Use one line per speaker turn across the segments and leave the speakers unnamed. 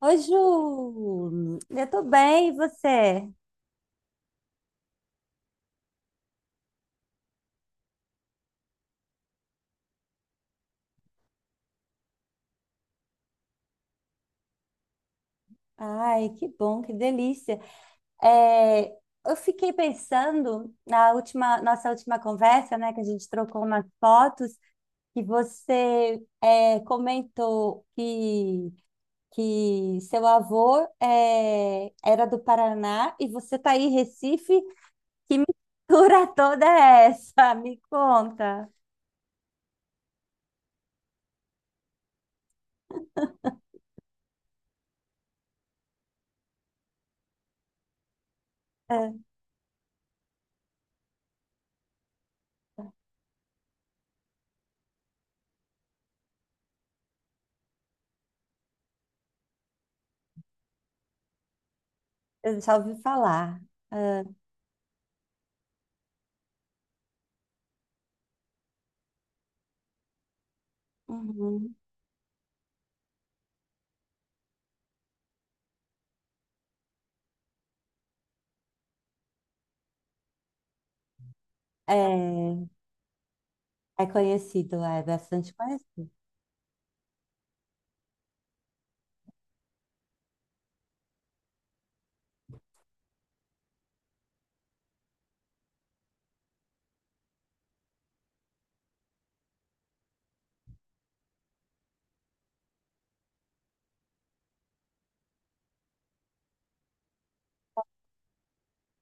Oi, Ju! Eu tô bem, e você? Ai, que bom, que delícia. É, eu fiquei pensando na nossa última conversa, né, que a gente trocou umas fotos, que você comentou que seu avô era do Paraná e você tá aí em Recife. Que mistura toda é essa? Me conta. É, eu já ouvi falar. É, uhum. É. É conhecido, é bastante conhecido.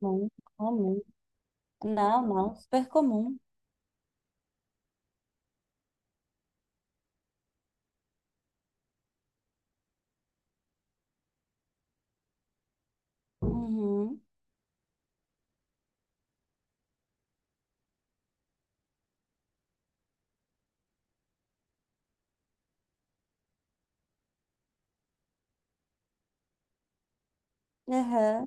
Muito comum. Não, não, super comum. Uhum, aham.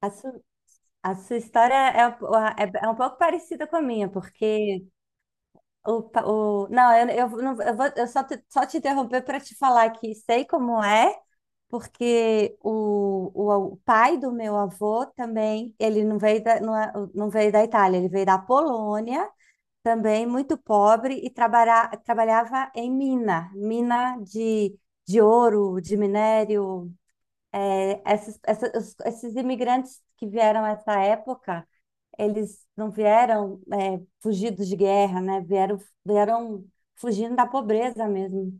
A su- a sua história é, é um pouco parecida com a minha, porque o, pa- o, não, eu, não- eu vou eu só só te interromper para te falar que sei como é, porque o pai do meu avô também, ele não veio da, não, é- não veio da Itália, ele veio da Polônia. Também muito pobre e trabalhava em mina de ouro, de minério. É, esses imigrantes que vieram nessa época, eles não vieram é, fugidos de guerra, né? Vieram, vieram fugindo da pobreza mesmo.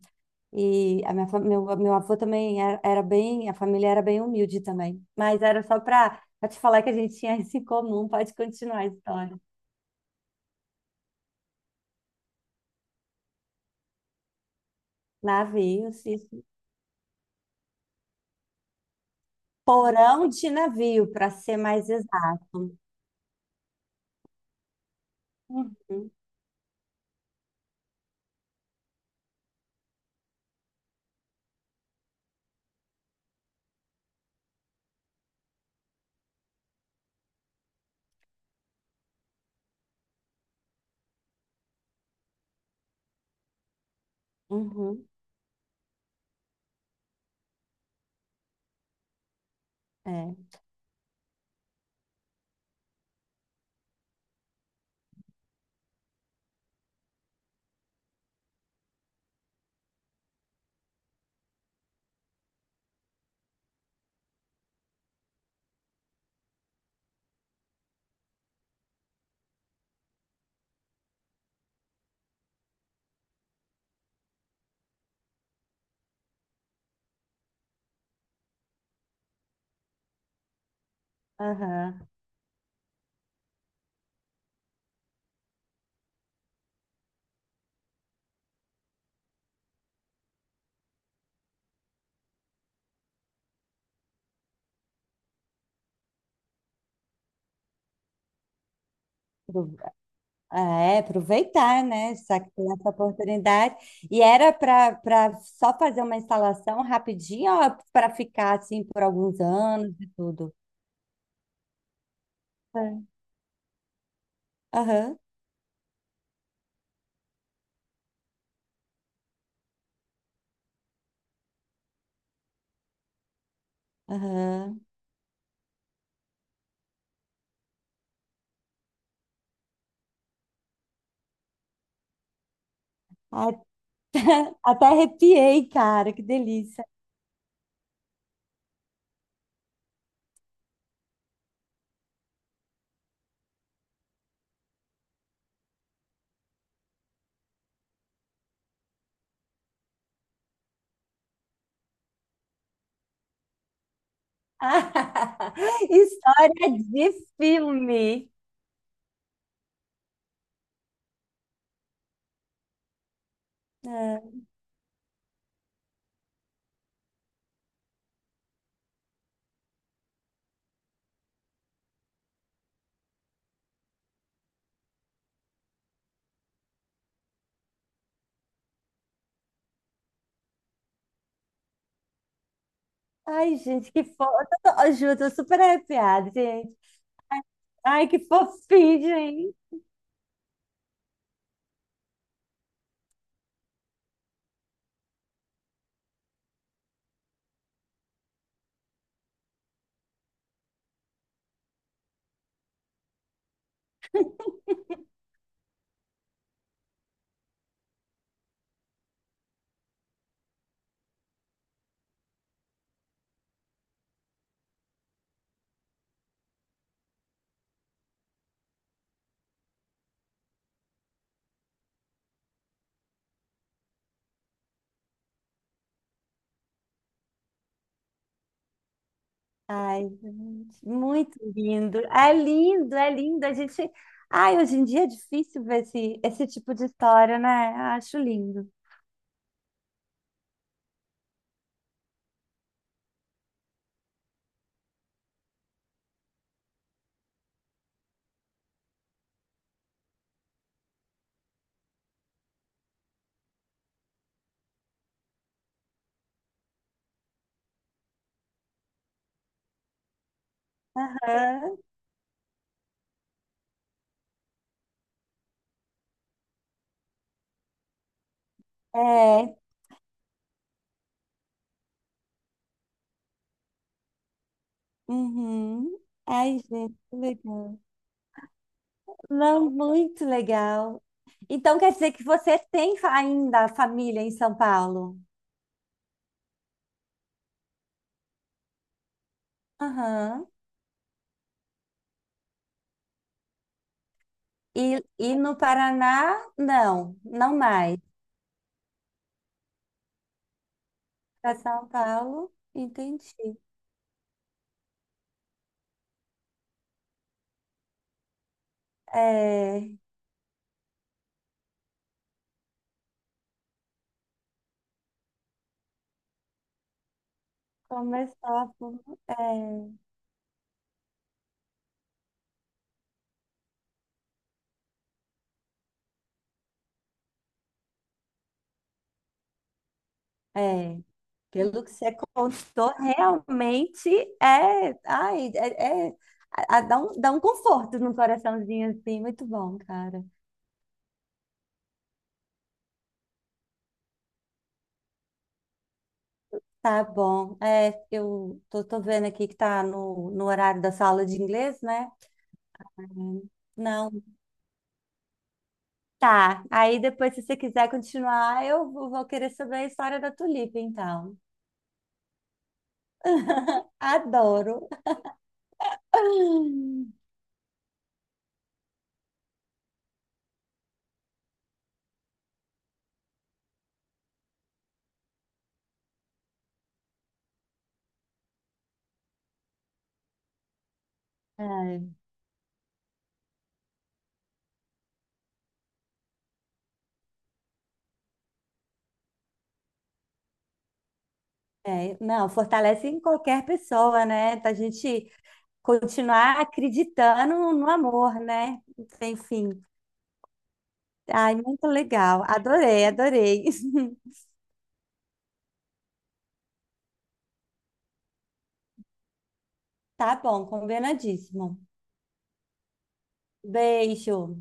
E a meu avô também era, era bem, a família era bem humilde também. Mas era só para te falar que a gente tinha isso em comum. Pode continuar a história. Navios, isso. Porão de navio, para ser mais exato. Uhum, uhum, é, aham. Pro- É, aproveitar, né? Já que tem essa oportunidade. E era para só fazer uma instalação rapidinha ou para ficar assim por alguns anos e tudo? É. Aham, aham. Até, até arrepiei, cara, que delícia. História de filme. É. Ai, gente, que fofo. Ai, Ju, eu tô super arrepiada, gente. Ai, ai, que fofinho, hein? Ai, gente, muito lindo. É lindo, é lindo. A gente. Ai, hoje em dia é difícil ver esse tipo de história, né? Acho lindo. Aham. É. Uhum. Ai, gente, que legal. Não, muito legal. Então quer dizer que você tem ainda família em São Paulo? Aham. E no Paraná, não, não mais. Para São Paulo, entendi. É, começou a... fu- É, é. Pelo que você contou, realmente é, ai, é, é- a- dá dá um conforto no coraçãozinho assim, muito bom, cara. Tá bom. É, eu tô vendo aqui que tá no horário da sala de inglês, né? Não. Tá, aí depois, se você quiser continuar, eu vou querer saber a história da tulipa, então. Adoro. Ai, é, não, fortalece em qualquer pessoa, né? A gente continuar acreditando no amor, né? Enfim. Ai, muito legal. Adorei, adorei. Tá bom, combinadíssimo. Beijo.